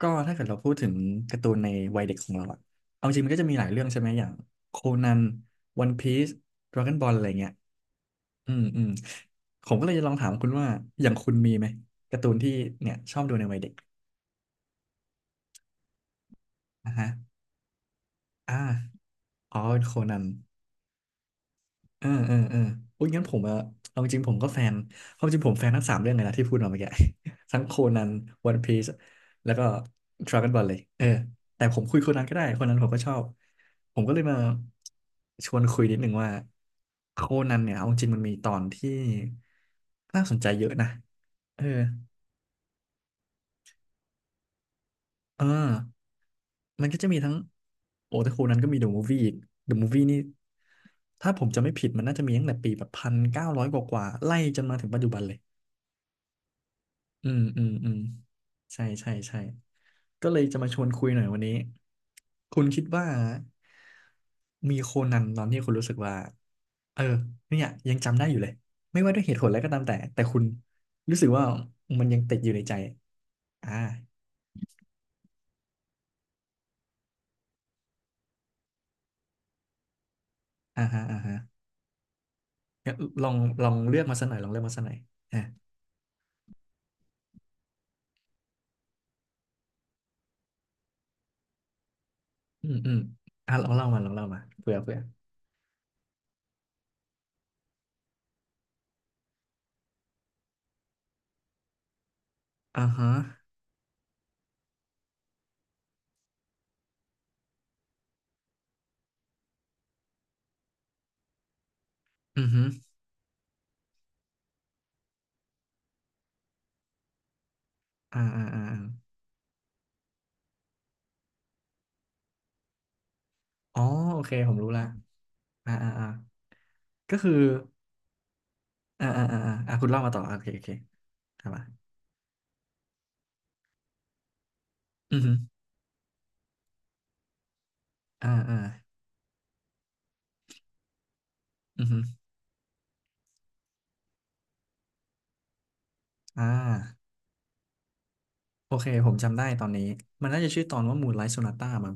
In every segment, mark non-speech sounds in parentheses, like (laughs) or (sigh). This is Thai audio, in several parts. ก็ถ้าเกิดเราพูดถึงการ์ตูนในวัยเด็กของเราอะเอาจริงมันก็จะมีหลายเรื่องใช่ไหมอย่างโคนันวันพีซดราก้อนบอลอะไรเงี้ย อืมอืมผมก็เลยจะลองถามคุณว่าอย่างคุณมีไหมการ์ตูนที่เนี่ยชอบดูในวัยเด็กอ่ะฮะอ่าอ๋อเป็นโคนัน อ่าอ่าอ่าอุ้ยงั้นผมอะเอาจริงๆผมก็แฟนความจริงผมแฟนทั้งสามเรื่องเลยนะที่พูดมาเมื่อกี้ (laughs) ทั้งโคนันวันพีซแล้วก็ดราก้อนบอลเลยเออแต่ผมคุยโคนันก็ได้โคนันผมก็ชอบ ผมก็เลยมาชวนคุยนิดหนึ่งว่าโคนันเนี่ยเอาจริงมันมีตอนที่น่าสนใจเยอะนะเออเออมันก็จะมีทั้ง โอ้แต่โคนันก็มีเดอะมูฟวี่อีกเดอะมูฟวี่นี่ ถ้าผมจะไม่ผิดมันน่าจะมีตั้งแต่ปีแบบ1900กว่าๆไล่จนมาถึงปัจจุบันเลย อืมอืมอืมใช่ใช่ใช่ก็เลยจะมาชวนคุยหน่อยวันนี้คุณคิดว่ามีโคนันตอนที่คุณรู้สึกว่าเออเนี่ยยังจำได้อยู่เลยไม่ว่าด้วยเหตุผลอะไรก็ตามแต่คุณรู้สึกว่ามันยังติดอยู่ในใจอ่าอ่าฮะอ่าฮะงั้นลองลองเลือกมาสักหน่อยลองเลือกมาสักหน่อยอ่าอืมอืมอ่าลองเล่ามาลองเล่ามาเผื่อเผื่ออ่าฮะอือฮึอ่าอ่าอ่าอาอ๋อโอเคผมรู้ละอ่าอ่าอ่าก็คือ อ่าอ่าอ่าอ่าอ่ะคุณเล่ามาต่อ โอเคโอเคครับอ่ะอือฮึอ่าอ่าอือฮึอ่าโอเค ผมจำได้ตอนนี้ มันน่าจะชื่อตอนว่า Moonlight Sonata มั้ง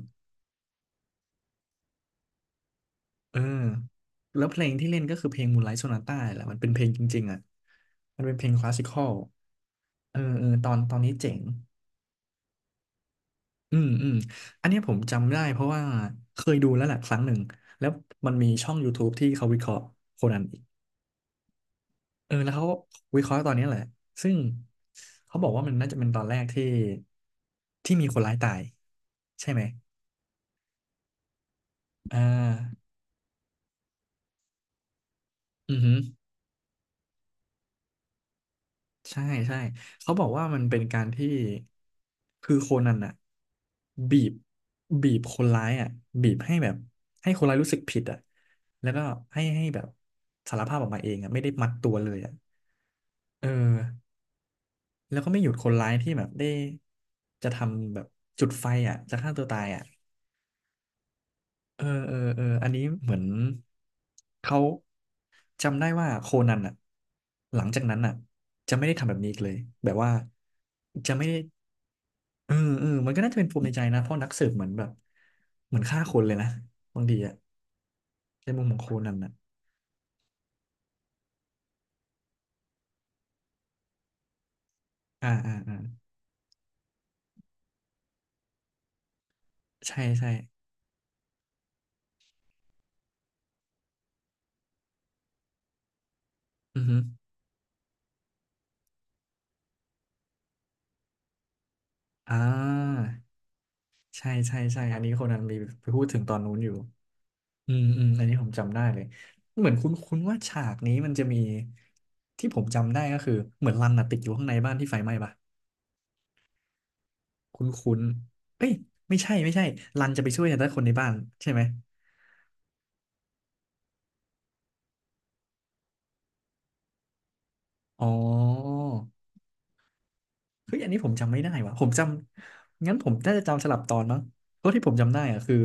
เออ แล้วเพลงที่เล่นก็คือเพลง Moonlight Sonata แหละมันเป็นเพลงจริงๆอ่ะ มันเป็นเพลงคลาสสิคอลเออเออตอนนี้เจ๋งอืมอืมอันเนี้ยผมจำได้เพราะว่าเคยดูแล้วแหละครั้งหนึ่ง แล้วมันมีช่อง YouTube ที่เขาวิเคราะห์โคนัน เออแล้วเขาก็วิเคราะห์ตอนนี้แหละซึ่งเขาบอกว่ามันน่าจะเป็นตอนแรกที่มีคนร้ายตายใช่ไหมอ่าอือหือใช่ใช่เขาบอกว่ามันเป็นการที่คือโคนันน่ะบีบบีบคนร้ายอ่ะบีบให้แบบให้คนร้ายรู้สึกผิดอ่ะแล้วก็ให้แบบสารภาพออกมาเองอ่ะไม่ได้มัดตัวเลยอ่ะเออแล้วก็ไม่หยุดคนร้ายที่แบบได้จะทำแบบจุดไฟอ่ะจะฆ่าตัวตายอ่ะ เออเออเอออันนี้เหมือนเขาจำได้ว่าโคนันอ่ะหลังจากนั้นอ่ะจะไม่ได้ทำแบบนี้อีกเลยแบบว่าจะไม่ได้เออเออมันก็น่าจะเป็นปมในใจนะเพราะนักสืบเหมือนแบบเหมือนฆ่าคนเลยนะบางทีอ่ะในมุมของโคนันอ่ะอ่าอ่าอ่าใช่ใช่อือฮึอ่าใช่ใช่ใช่อันนี้โคนันมีไปพูดถึงตอนนู้นอยู่ อืมอืมอันนี้ผมจำได้เลย เหมือนคุ้นณว่าฉากนี้มันจะมีที่ผมจำได้ก็คือเหมือนรันน่ะติดอยู่ข้างในบ้านที่ไฟไหม้ปะคุ้นณเอ้ยไม่ใช่ไม่ใช่รันจะไปช่วยแต่คนในบ้านใช่ไหมอ๋อเฮ้ยอันนี้ผมจำไม่ได้ว่ะผมจำงั้นผมน่าจะจำสลับตอนมั้งเพราะที่ผมจำได้อะคือ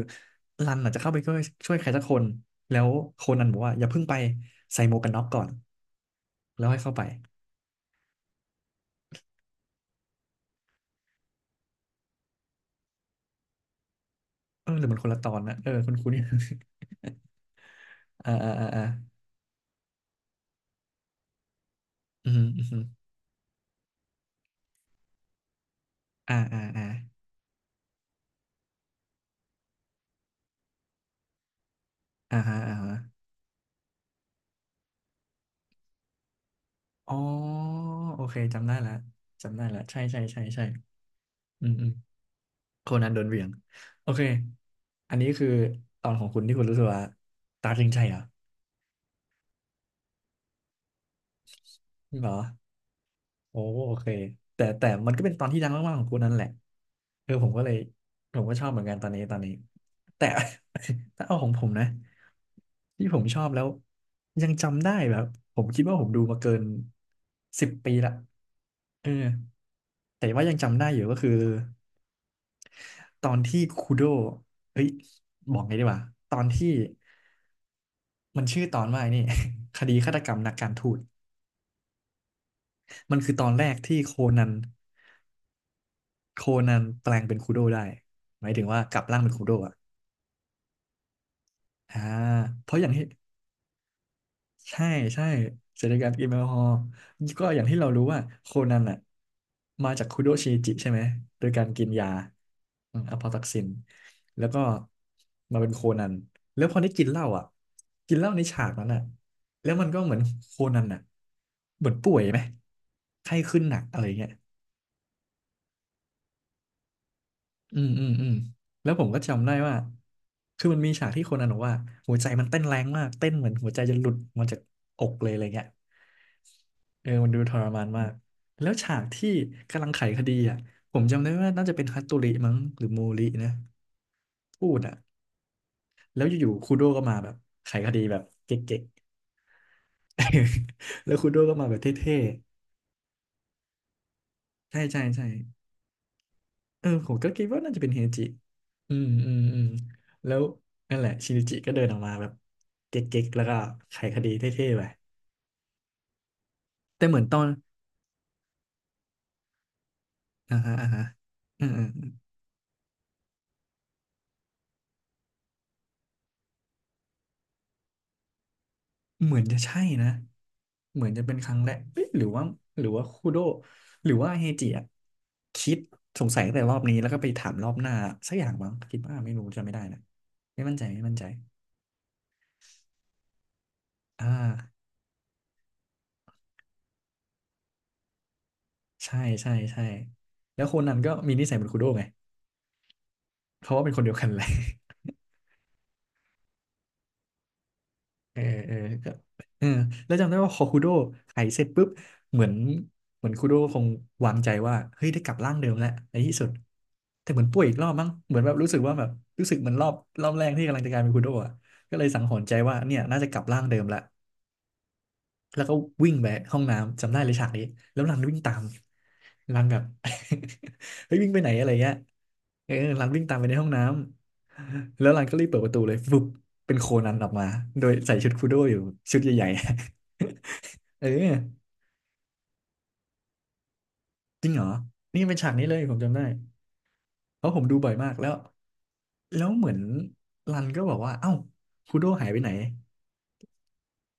รันน่ะจะเข้าไปช่วยช่วยใครสักคนแล้วโคนันบอกว่าอย่าเพิ่งไปใส่หมวกกันน็อกก่อนแล้วให้เข้าไปเออหรือมันคนละตอนนะเออคุ้นๆ (laughs) อ่าอ่าอ่าอ่าอืมอืม อ่าอ่าอ่าอ่าฮะอ่าฮะอ๋อโอเคจำได้ละจำได้ละใช่ใช่ใช่ใช่อืมอืมโคนันโดนเหวี่ยงโอเคอันนี้คือตอนของคุณที่คุณรู้สึกว่าตาจริงใจเหรอไม่เหรอโอ้โอเคแต่มันก็เป็นตอนที่ดังมากๆของคุณนั่นแหละเออผมก็เลยผมก็ชอบเหมือนกันตอนนี้ตอนนี้แต่ (laughs) ถ้าเอาของผมนะที่ผมชอบแล้วยังจำได้แบบผมคิดว่าผมดูมาเกิน10 ปีละเออ แต่ว่ายังจำได้อยู่ก็คือตอนที่คูโดเฮ้ยบอกไงดีวะตอนที่มันชื่อตอนว่าไอ้นี่ (laughs) คดีฆาตกรรมนักการทูตมันคือตอนแรกที่โคนันแปลงเป็นคูโดได้หมายถึงว่ากลับร่างเป็นคูโดอ่ะอ่าเพราะอย่างที่ ใช่ใช่เสถียรการกินแอลกอฮอล์ก็อย่างที่เรารู้ว่าโคนันอ่ะมาจากคุโดชิจิใช่ไหมโดยการกินยาอืมอะพอทักซินแล้วก็มาเป็นโคนันแล้วพอได้กินเหล้าอ่ะกินเหล้าในฉากนั้นอ่ะแล้วมันก็เหมือนโคนันอ่ะเหมือนป่วยไหมไข้ขึ้นหนักอะไรเงี้ยอืมอืมอืมแล้วผมก็จำได้ว่าคือมันมีฉากที่โคนันบอกว่าหัวใจมันเต้นแรงมากเต้นเหมือนหัวใจจะหลุดมาจากอกเลยอะไรเงี้ย เออมันดูทรมานมากแล้วฉากที่กำลังไขคดีอ่ะผมจำได้ว่าน่าจะเป็นฮัตโตริมั้งหรือมูรินะพูดอ่ะแล้วอยู่ๆคูโดก็มาแบบไขคดีแบบเก๊กๆ (laughs) แล้วคูโดก็มาแบบเท่ๆใช่ใช่ใช่เออผมก็คิดว่าน่าจะเป็นเฮจิอืมอืมอืมแล้วนั่นแหละชินิจิก็เดินออกมาแบบเก๊กๆแล้วก็ไขคดีเท่ๆไปแต่เหมือนตอนอ่าฮะอ่าฮะอืมอืม เหมือนจะใช่นะ เหมือนจะเป็นครั้งแรกเอะหรือว่าหรือว่าคูโดหรือว่าเฮจิอะคิดสงสัยตั้งแต่รอบนี้แล้วก็ไปถามรอบหน้าสักอย่างบ้างคิดว่าไม่รู้จำไม่ได้นะไม่มั่นใจไม่มั่นใจอ่าใช่ใช่ใช่แล้วโคนนั้นก็มีนิสัยเหมือนคูโดไงเพราะว่าเป็นคนเดียวกันเลย เออเออก็เออแล้วจำได้ว่าพอคูโดไถเสร็จปุ๊บเหมือนคูโดคงวางใจว่าเฮ้ยได้กลับร่างเดิมแล้วในที่สุดแต่เหมือนป่วยอีกรอบมั้งเหมือนแบบรู้สึกว่าแบบรู้สึกเหมือนรอบแรกที่กำลังจะกลายเป็นคูโดอ่ะก็เลยสังหรณ์ใจว่าเนี่ยน่าจะกลับร่างเดิมละ แล้วก็วิ่งไปห้องน้ำจำได้เลยฉากนี้แล้วรันวิ่งตามรันแบบ (laughs) เฮ้ยวิ่งไปไหนอะไรเงี้ยเออรันวิ่งตามไปในห้องน้ำแล้วรันก็รีบเปิดประตูเลยฟึบเป็นโคนันออกมาโดยใส่ชุดคูโดอยู่ชุดใหญ่ๆ (laughs) เออจริงเหรอนี่เป็นฉากนี้เลยผมจำได้เพราะผมดูบ่อยมากแล้วแล้วเหมือนรันก็บอกว่าเอ้าคูโดหายไปไหน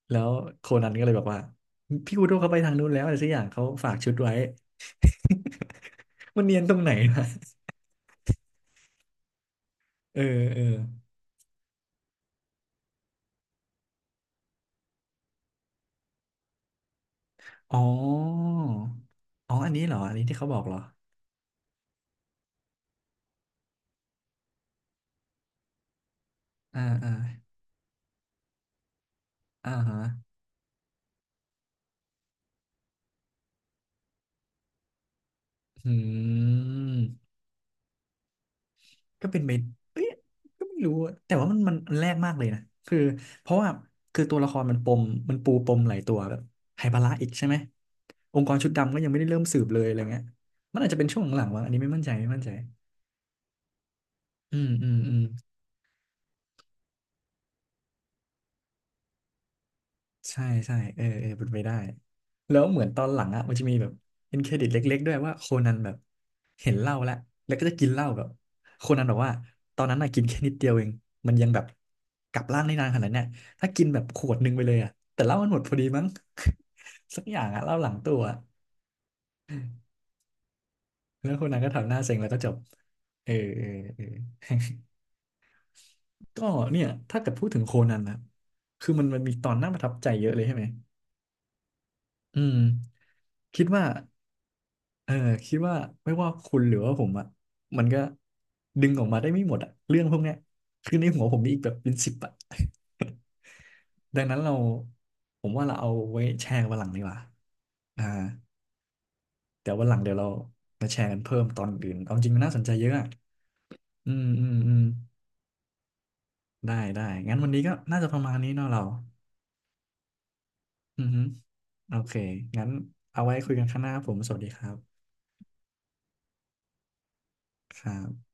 แล้วโคนันก็เลยบอกว่าพี่คูโดเขาไปทางนู้นแล้วอะไรสักอย่างเขาฝากชุดไว้มันเนียนตรงไหนนะ เออเอออ๋ออ๋ออันนี้เหรออันนี้ที่เขาบอกเหรออ่าอ่าอ่าฮะอืมก็เป็นไปเอ้ยก็ไม่รู้อะแต่ว่ามันแรกมากเลยนะคือเพราะว่า คือตัวละครมันปมมันปูปมหลายตัวแบบไฮบาระอีกใช่ไหม องค์กรชุดดำก็ยังไม่ได้เริ่มสืบเลยอะไรเงี้ยมันอาจจะเป็นช่วงหลังๆวะอันนี้ไม่มั่นใจไม่มั่นใจอืมอืมอืม ใช่ใช่เออเออเป็นไปได้แล้วเหมือนตอนหลังอ่ะมันจะมีแบบเป็นเครดิตเล็กๆด้วยว่าโคนันแบบเห็นเหล้าแล้วแล้วก็จะกินเหล้าแบบโคนันบอกว่าตอนนั้นน่ะกินแค่นิดเดียวเองมันยังแบบกลับร่างได้นานขนาดเนี้ยถ้ากินแบบขวดหนึ่งไปเลยอ่ะแต่เหล้ามันหมดพอดีมั้ง (laughs) สักอย่างอ่ะเหล้าหลังตัวอะแล้วโคนันก็ทำหน้าเซ็งแล้วก็จบเออเออเออ (laughs) ก็เนี่ยถ้าเกิดพูดถึงโคนันนะคือมันมีตอนน่าประทับใจเยอะเลยใช่ไหมอืมคิดว่า เออคิดว่าไม่ว่าคุณหรือว่าผมอ่ะมันก็ดึงออกมาได้ไม่หมดอ่ะเรื่องพวกเนี้ยคือในหัวผมมีอีกแบบเป็นสิบอ่ะ (laughs) ดังนั้นเราผมว่าเราเอาไว้แชร์กันวันหลังดีกว่าอ่าเดี๋ยววันหลังเดี๋ยวเรามาแชร์กันเพิ่มตอนอื่นเอาจริงมันน่าสนใจเยอะอ่ะอืมอืมอืมได้ได้งั้นวันนี้ก็น่าจะประมาณนี้เนาะเราอือฮึโอเคงั้นเอาไว้คุยกันข้างหน้าครับผมสวัสดีครับครับ